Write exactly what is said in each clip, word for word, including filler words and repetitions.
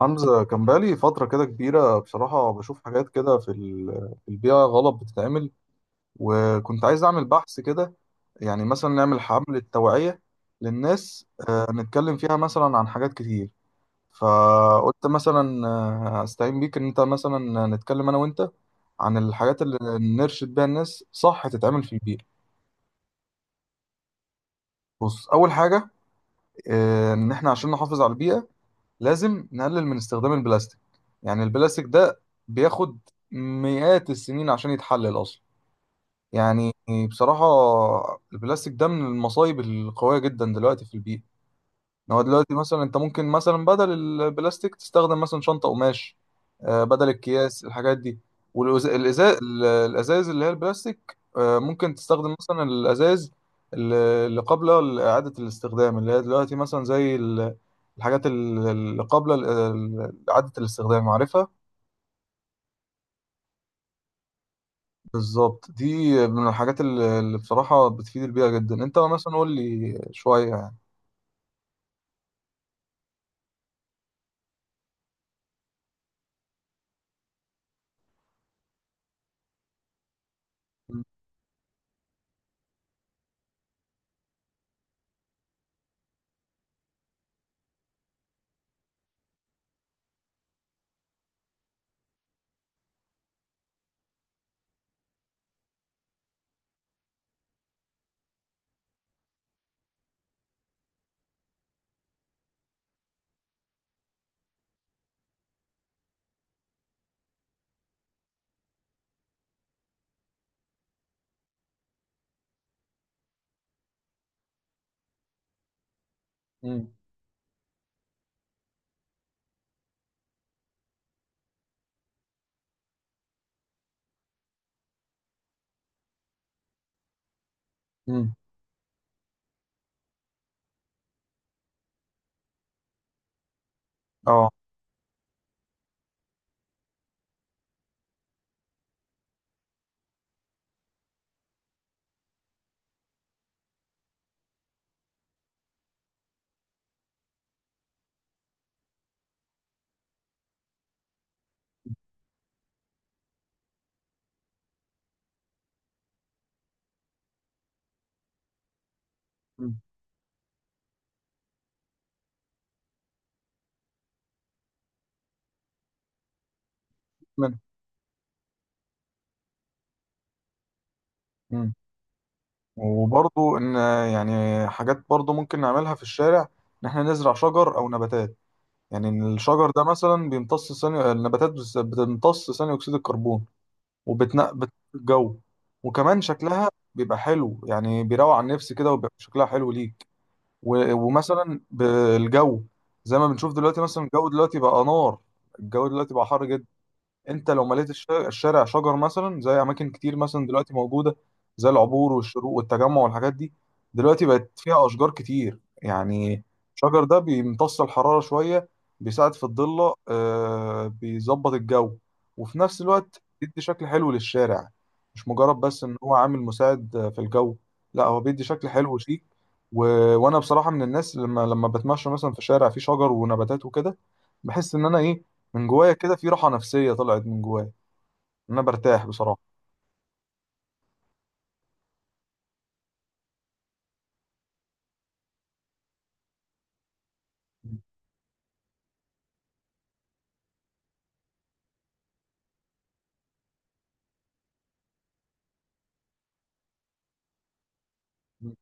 حمزة، كان بقالي فترة كده كبيرة. بصراحة بشوف حاجات كده في ال- في البيئة غلط بتتعمل، وكنت عايز أعمل بحث كده. يعني مثلا نعمل حملة توعية للناس، آه، نتكلم فيها مثلا عن حاجات كتير. فقلت مثلا آه، أستعين بيك إن أنت مثلا نتكلم أنا وأنت عن الحاجات اللي نرشد بيها الناس صح تتعمل في البيئة. بص، أول حاجة، آه، إن إحنا عشان نحافظ على البيئة لازم نقلل من استخدام البلاستيك. يعني البلاستيك ده بياخد مئات السنين عشان يتحلل أصلا. يعني بصراحة البلاستيك ده من المصايب القوية جدا دلوقتي في البيئة. هو دلوقتي مثلا انت ممكن مثلا بدل البلاستيك تستخدم مثلا شنطة قماش، آه، بدل الأكياس الحاجات دي، والازاز. الازاز اللي هي البلاستيك، آه، ممكن تستخدم مثلا الازاز اللي اللي قبل إعادة الاستخدام، اللي هي دلوقتي مثلا زي ال- الحاجات ال- اللي قبل ال- ال- إعادة الاستخدام، عارفها. بالظبط، دي من الحاجات اللي اللي بصراحة بتفيد البيئة جدا. انت مثلا قول لي شوية يعني. مم. مم. مم. اه. مم. من- مم. وبرضو ان، يعني حاجات برضو ممكن نعملها في الشارع، ان احنا نزرع شجر او نباتات. يعني ان الشجر ده مثلا بيمتص ثاني النباتات بس- بتمتص ثاني اكسيد الكربون، وبتنقبت الجو، وكمان شكلها بيبقى حلو، يعني بيروق على النفس كده، وبيبقى شكلها حلو ليك. و- ومثلا بالجو، زي ما بنشوف دلوقتي، مثلا الجو دلوقتي بقى نار، الجو دلوقتي بقى حر جدا. انت لو مليت الش- الشارع شجر مثلا زي اماكن كتير مثلا دلوقتي موجوده، زي العبور والشروق والتجمع والحاجات دي. دلوقتي بقت فيها اشجار كتير يعني. الشجر ده بيمتص الحراره شويه، بيساعد في الضله، آه بيظبط الجو، وفي نفس الوقت بيدي شكل حلو للشارع. مش مجرد بس ان هو عامل مساعد آه، في الجو، لا، هو بيدي شكل حلو وشيك. و... وانا بصراحه من الناس، لما لما بتمشى مثلا في شارع فيه شجر ونباتات وكده، بحس ان انا ايه، من جوايا كده في راحة نفسية طلعت من جوايا، إن أنا برتاح بصراحة. مم.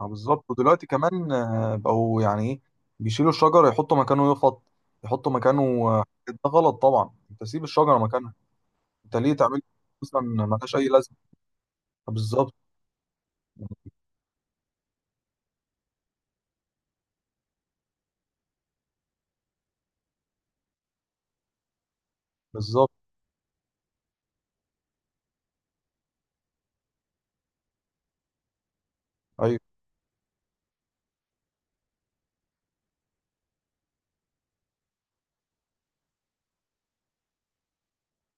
آه، بالظبط. ودلوقتي كمان، آه، بقوا يعني إيه، بيشيلوا الشجرة، يحطوا مكانه يفط يحطوا مكانه. آه، ده غلط طبعا. أنت سيب الشجرة مكانها. أنت ليه تعمل مثلا، ملهاش أي لازمة. آه، بالظبط. بالظبط. أيوه.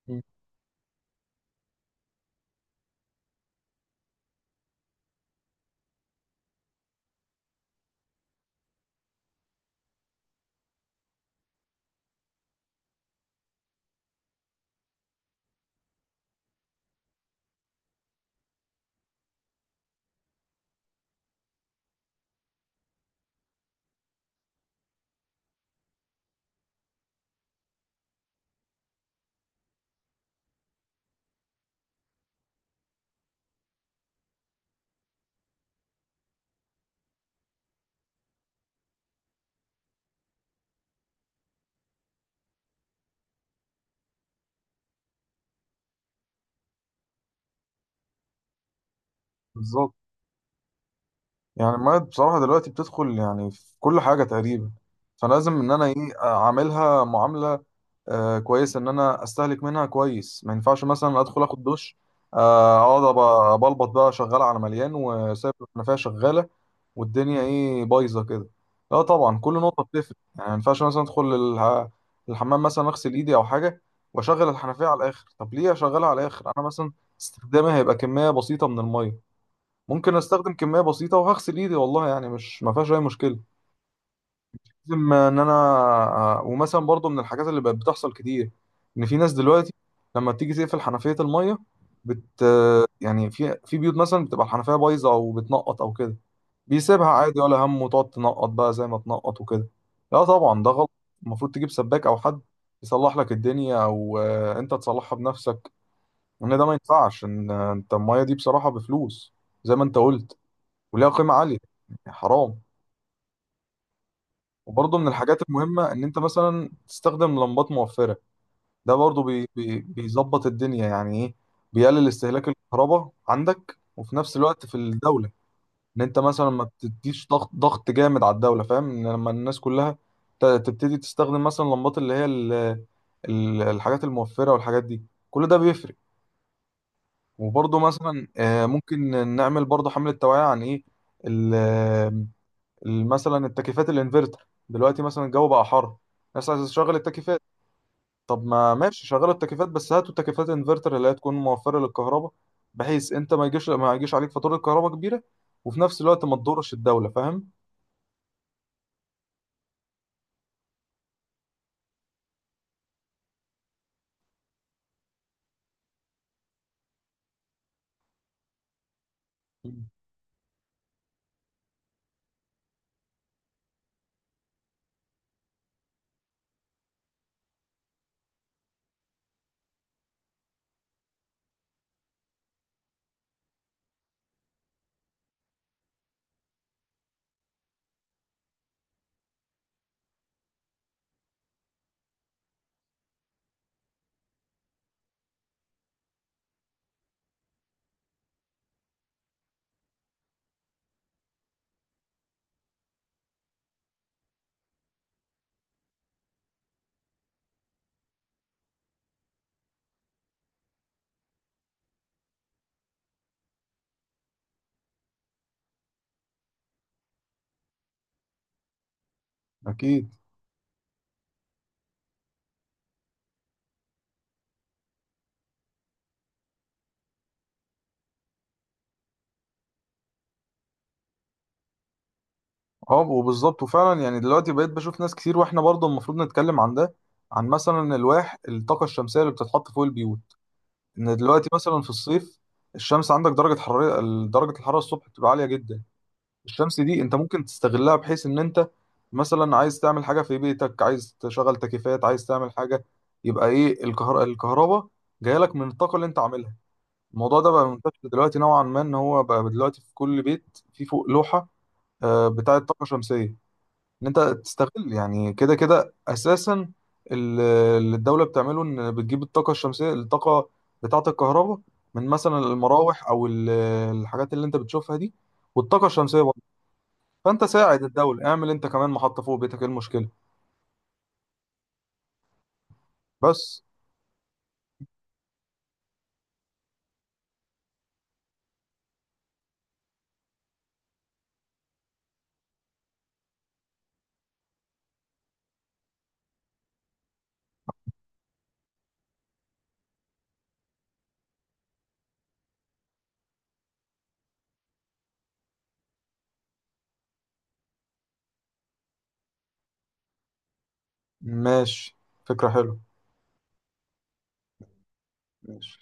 مم. بالظبط. يعني المية بصراحة دلوقتي بتدخل يعني في كل حاجة تقريبا، فلازم إن أنا إيه، أعاملها معاملة آه كويس، ان انا استهلك منها كويس. ما ينفعش مثلا ادخل اخد دش، آه، اقعد أبقى- بلبط بقى شغال على مليان وسايب الحنفيه شغاله، والدنيا ايه، بايظه كده. لا طبعا، كل نقطه بتفرق. يعني ما ينفعش مثلا ادخل الح- الحمام مثلا، اغسل ايدي او حاجه، واشغل الحنفيه على الاخر. طب ليه اشغلها على الاخر؟ انا مثلا استخدامها هيبقى كميه بسيطه من الميه. ممكن استخدم كميه بسيطه وهغسل ايدي والله، يعني مش ما فيهاش اي مشكله. لازم ان انا، ومثلا برضو من الحاجات اللي بقت بتحصل كتير، ان في ناس دلوقتي لما بتيجي تقفل حنفية المية بت يعني، في في بيوت مثلا بتبقى الحنفية بايظة او بتنقط او كده، بيسيبها عادي ولا هم، وتقعد تنقط بقى زي ما تنقط وكده. لا طبعا ده غلط. المفروض تجيب سباك او حد يصلح لك الدنيا، او آه، انت تصلحها بنفسك. ان ده ما ينفعش، ان آه، انت المية دي بصراحة بفلوس، زي ما انت قلت، وليها قيمة عالية، يعني حرام. وبرضه من الحاجات المهمة إن أنت مثلا تستخدم لمبات موفرة. ده برضه بي بي بيظبط الدنيا يعني إيه، بيقلل استهلاك الكهرباء عندك وفي نفس الوقت في الدولة. إن أنت مثلا ما بتديش ضغط ضغط جامد على الدولة، فاهم؟ إن لما الناس كلها ت- تبتدي تستخدم مثلا لمبات اللي هي ال- ال- الحاجات الموفرة والحاجات دي، كل ده بيفرق. وبرضه مثلا، آه، ممكن نعمل برضه حملة توعية عن إيه، ال- مثلا التكييفات الانفرتر. دلوقتي مثلا الجو بقى حر، الناس عايزه تشغل التكييفات. طب ما ماشي، شغل التكييفات بس هاتوا تكييفات انفرتر اللي هي تكون موفره للكهرباء، بحيث انت ما يجيش ما يجيش عليك فاتوره كهرباء كبيره، وفي نفس الوقت ما تضرش الدوله، فاهم؟ مم. اكيد. اه، وبالظبط وفعلا، يعني دلوقتي بقيت بشوف ناس كتير، واحنا برضه المفروض نتكلم عن ده، عن مثلا الواح الطاقه الشمسيه اللي بتتحط فوق البيوت. ان دلوقتي مثلا في الصيف، الشمس عندك درجه حراره درجه الحراره الصبح بتبقى عاليه جدا. الشمس دي انت ممكن تستغلها، بحيث ان انت مثلا عايز تعمل حاجه في بيتك، عايز تشغل تكييفات، عايز تعمل حاجه، يبقى ايه، الكهر... الكهرباء جايه لك من الطاقه اللي انت عاملها. الموضوع ده بقى منتشر دلوقتي نوعا ما، ان هو بقى دلوقتي في كل بيت في فوق لوحه آه، بتاعه طاقه شمسيه، ان انت تستغل يعني كده كده اساسا. ال- اللي الدوله بتعمله ان بتجيب الطاقه الشمسيه، الطاقه بتاعه الكهرباء، من مثلا المراوح او ال- الحاجات اللي انت بتشوفها دي، والطاقه الشمسيه. فانت ساعد الدولة، اعمل انت كمان محطة فوق بيتك، ايه المشكلة؟ بس ماشي، فكرة حلوة. ماشي.